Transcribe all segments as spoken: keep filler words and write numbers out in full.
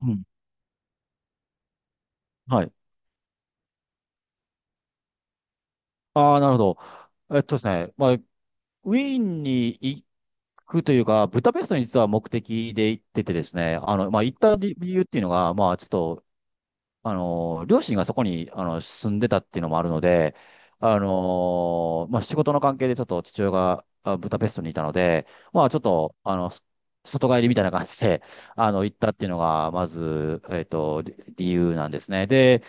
うん。はい。ああ、なるほど。えっとですね、まあ、ウィーンに行くというか、ブダペストに実は目的で行っててですね、あの、まあ、行った理理由っていうのが、まあ、ちょっと、あの、両親がそこに、あの、住んでたっていうのもあるので、あの、まあ、仕事の関係でちょっと父親があブダペストにいたので、まあ、ちょっと、あの、そ外帰りみたいな感じで、あの、行ったっていうのが、まず、えっと、理理由なんですね。で、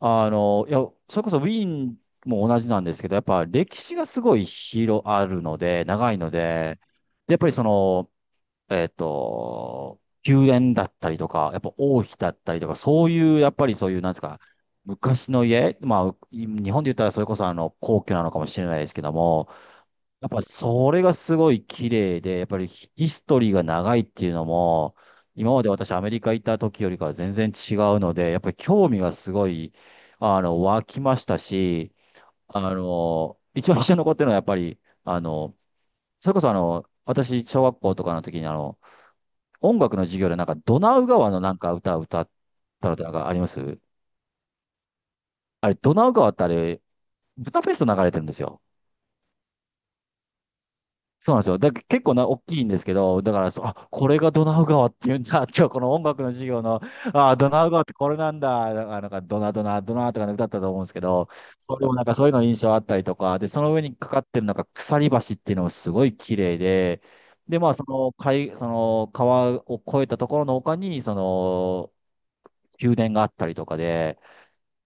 あの、いや、それこそウィーンも同じなんですけど、やっぱ歴史がすごい広あるので、長いので、で、やっぱりその、えっと、宮殿だったりとか、やっぱ王妃だったりとか、そういう、やっぱりそういう、なんですか、昔の家、まあ、日本で言ったらそれこそあの、皇居なのかもしれないですけども、やっぱそれがすごい綺麗で、やっぱりヒヒストリーが長いっていうのも、今まで私アメリカ行った時よりかは全然違うので、やっぱり興味がすごい、あの、湧きましたし、あの、一番印象に残ってるのはやっぱり、あの、それこそあの、私、小学校とかの時にあの、音楽の授業でなんかドナウ川のなんか歌を歌ったのってなんかあります？あれ、ドナウ川ってあれ、ブダペスト流れてるんですよ。そうなんですよ。だ、結構な、大きいんですけど、だからそう、あ、これがドナウ川っていうんだ。今日この音楽の授業の、あ、ドナウ川ってこれなんだ。あなんか、ドナドナ、ドナとかね歌ったと思うんですけど、それもなんかそういうの印象あったりとか、で、その上にかかってるなんか鎖橋っていうのもすごい綺麗で、で、まあ、その海、その川を越えたところの丘に、その、宮殿があったりとかで、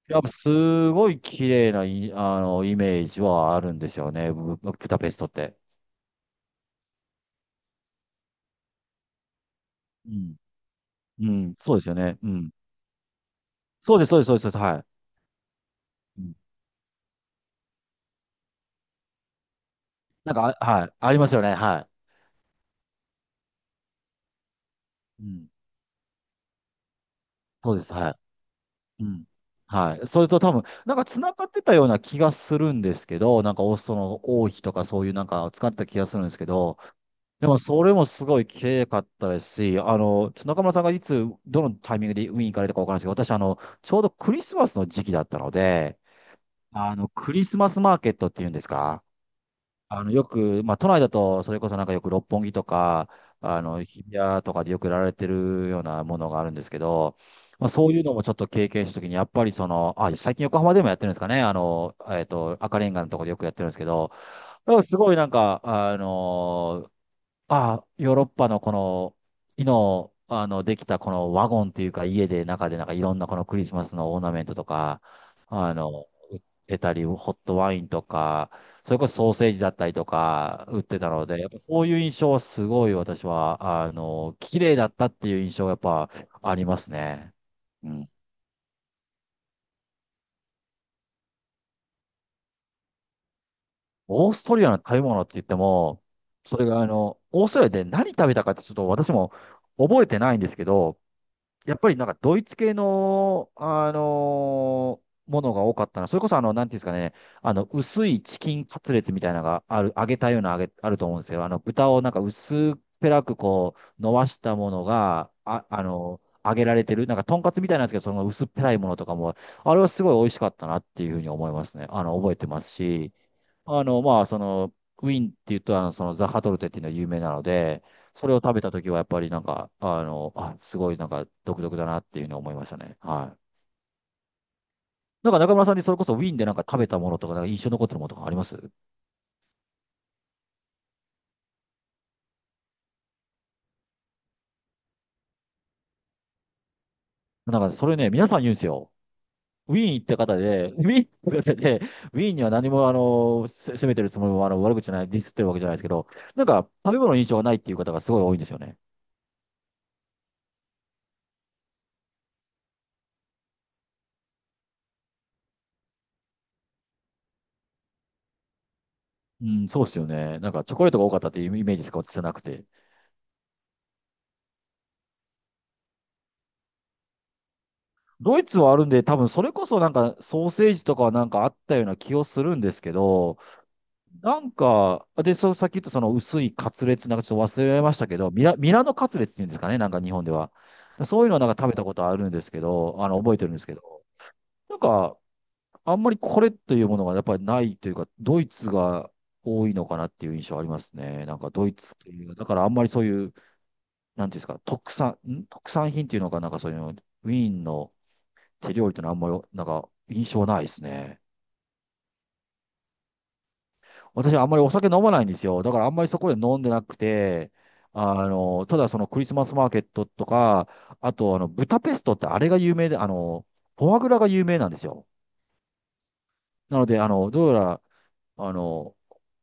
やっぱすごい綺麗ない、あの、イメージはあるんですよね、ブブダペストって。うんうん、そうですよね。うん。そうです、そうです、そうです、そうです、はい。うんなんか、あはい。ありますよね。はい。うん。そうです、はい。うん。はい。それと多分、なんか繋がってたような気がするんですけど、なんかオストの王妃とかそういうなんか使ってた気がするんですけど、でもそれもすごい綺麗かったですし、あの、ちょっと中村さんがいつ、どのタイミングでウィーン行かれたかわからないですけど、私、あの、ちょうどクリスマスの時期だったので、あの、クリスマスマーケットっていうんですか？あの、よく、まあ、都内だと、それこそなんかよく六本木とか、あの、日比谷とかでよく売られてるようなものがあるんですけど、まあ、そういうのもちょっと経験したときに、やっぱりその、あ、最近横浜でもやってるんですかね、あの、えっと、赤レンガのところでよくやってるんですけど、だからすごいなんか、あのあ、ヨーロッパのこの、木の、あの、できたこのワゴンっていうか、家で中でなんかいろんなこのクリスマスのオーナメントとか、あの、売ってたり、ホットワインとか、それこそソーセージだったりとか、売ってたので、やっぱそういう印象はすごい私は、あの、綺麗だったっていう印象がやっぱありますね。うん。オーストリアの食べ物って言っても、それがあの、オーストリアで何食べたかってちょっと私も覚えてないんですけど、やっぱりなんかドイツ系の、あのーものが多かったな。それこそあの、なんていうんですかね、あの、薄いチキンカツレツみたいなのがある、揚げたような揚げ、あると思うんですよ。あの、豚をなんか薄っぺらくこう、伸ばしたものが、あ、あの、揚げられてる。なんか、とんかつみたいなんですけど、その薄っぺらいものとかも、あれはすごい美味しかったなっていうふうに思いますね。あの、覚えてますし、あの、まあ、その、ウィーンって言うと、あの、その、ザハトルテっていうのが有名なので、それを食べたときは、やっぱりなんか、あの、あ、すごいなんか、独特だなっていうのを思いましたね。はい。なんか中村さんにそれこそウィーンでなんか食べたものとか、なんか印象に残ってるものとかあります？なんかそれね、皆さん言うんですよ。ウィーン行った方で、ウィーン行った方で、ウィーンには何もあの、せ責めてるつもりもあの悪口じゃない、ディスってるわけじゃないですけど、なんか食べ物の印象がないっていう方がすごい多いんですよね。うん、そうですよね。なんかチョコレートが多かったっていうイメージしか私はなくて。ドイツはあるんで、多分それこそなんかソーセージとかはなんかあったような気をするんですけど、なんか、で、そう、さっき言ったその薄いカツレツなんかちょっと忘れられましたけど、ミラ、ミラノカツレツっていうんですかね、なんか日本では。そういうのはなんか食べたことあるんですけど、あの、覚えてるんですけど、なんか、あんまりこれというものがやっぱりないというか、ドイツが多いのかなっていう印象ありますね。なんかドイツ系が、だからあんまりそういう、なんていうんですか、特産、ん特産品っていうのかなんかそういうの、ウィーンの、手料理ってのはあんまり、なんか、印象ないですね。私はあんまりお酒飲まないんですよ。だからあんまりそこで飲んでなくて、あの、ただそのクリスマスマーケットとか、あとあの、ブタペストってあれが有名で、あの、フォアグラが有名なんですよ。なので、あの、どうやら、あの、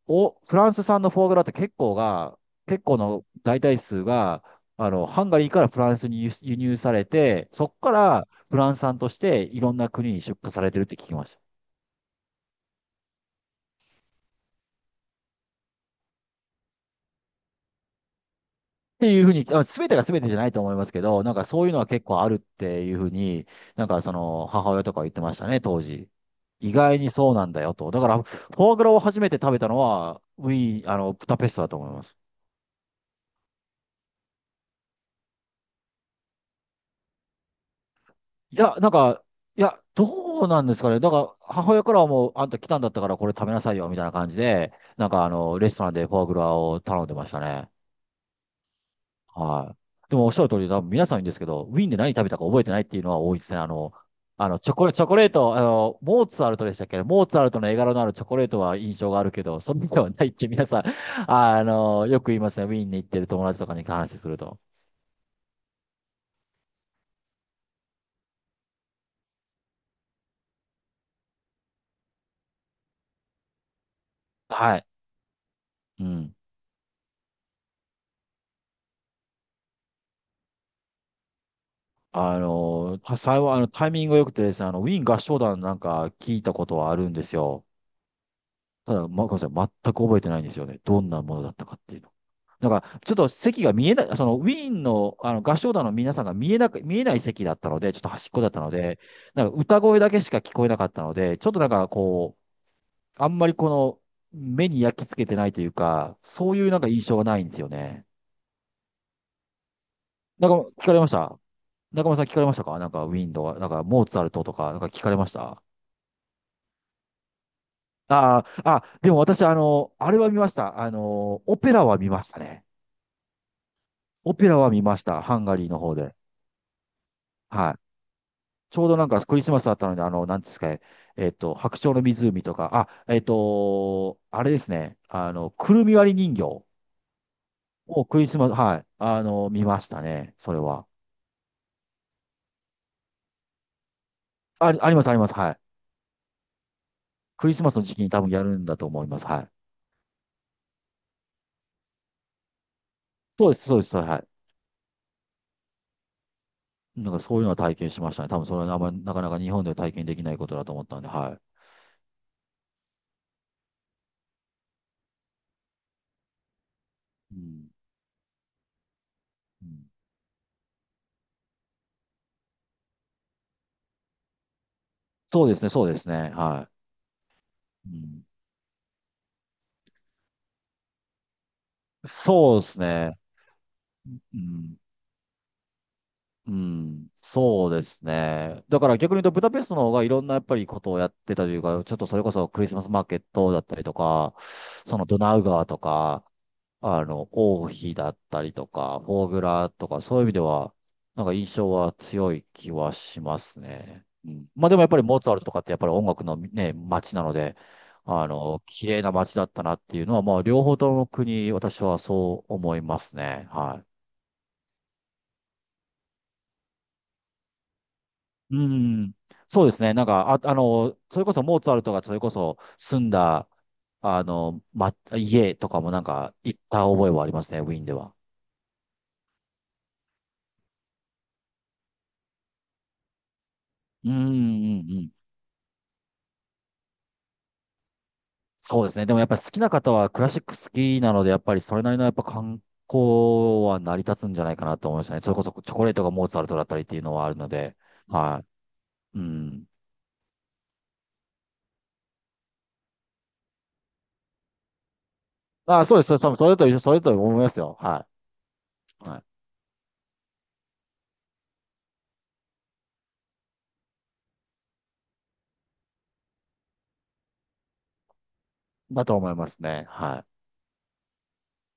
お、フランス産のフォアグラって結構が、結構の大体数が、あの、ハンガリーからフランスに輸輸入されて、そこからフランス産としていろんな国に出荷されてるって聞きました。っていうふうに、あ全てが全てじゃないと思いますけど、なんかそういうのは結構あるっていうふうに、なんかその母親とか言ってましたね、当時。意外にそうなんだよと。だから、フォアグラを初めて食べたのは、ウィーン、あの、ブダペストだと思います。いや、なんか、いや、どうなんですかね。だから、母親からはもう、あんた来たんだったからこれ食べなさいよ、みたいな感じで、なんかあの、レストランでフォアグラを頼んでましたね。はい。でもおっしゃる通り、多分皆さん言うんですけど、ウィーンで何食べたか覚えてないっていうのは多いですね。あの、あの、チョコレ、チョコレート、あの、モーツァルトでしたっけ？モーツァルトの絵柄のあるチョコレートは印象があるけど、そんなではないって皆さん、あの、よく言いますね。ウィーンに行ってる友達とかに話すると。はい。うん。あの、幸い、あの、タイミングが良くてですね、あの、ウィーン合唱団なんか聞いたことはあるんですよ。ただ、ま、ごめんなさい。全く覚えてないんですよね。どんなものだったかっていうの。だから、ちょっと席が見えない、そのウィーンの、あの合唱団の皆さんが見えなく、見えない席だったので、ちょっと端っこだったので、なんか歌声だけしか聞こえなかったので、ちょっとなんかこう、あんまりこの目に焼き付けてないというか、そういうなんか印象がないんですよね。なんか聞かれました？中村さん聞かれましたか？なんかウィーンとか、なんかモーツァルトとか、なんか聞かれました？あー、あ、でも私、あの、あれは見ました。あの、オペラは見ましたね。オペラは見ました。ハンガリーの方で。はい。ちょうどなんかクリスマスだったので、あの、なんですかね、えっと、白鳥の湖とか、あ、えっと、あれですね、あの、くるみ割り人形をクリスマス、はい、あの、見ましたね、それは。あ、あります、あります、はい。クリスマスの時期に多分やるんだと思います、はい。そうです、そうです、はい。なんかそういうのは体験しましたね。多分それはあんまりなかなか日本では体験できないことだと思ったんで、はい。うん、うん、そうですね、そうですね、はい。うん、そうですね。うんうん、そうですね。だから逆に言うと、ブダペストの方がいろんなやっぱりことをやってたというか、ちょっとそれこそクリスマスマーケットだったりとか、そのドナウ川とか、あの、王妃だったりとか、フォーグラとか、そういう意味では、なんか印象は強い気はしますね。うん、まあでもやっぱりモーツァルトとかってやっぱり音楽のね、街なので、あの、綺麗な街だったなっていうのは、まあ両方とも国、私はそう思いますね。はい。うん。そうですね。なんか、あ、あの、それこそモーツァルトがそれこそ住んだ、あの、ま、家とかもなんか行った覚えはありますね、ウィーンでは。うんうんうん。そうですね。でもやっぱり好きな方はクラシック好きなので、やっぱりそれなりのやっぱ観光は成り立つんじゃないかなと思いましたね。それこそチョコレートがモーツァルトだったりっていうのはあるので。はい。うん。あ、そうです。そうですそれと一緒、それと思いますよ。はい。はい。だと思いますね。はい。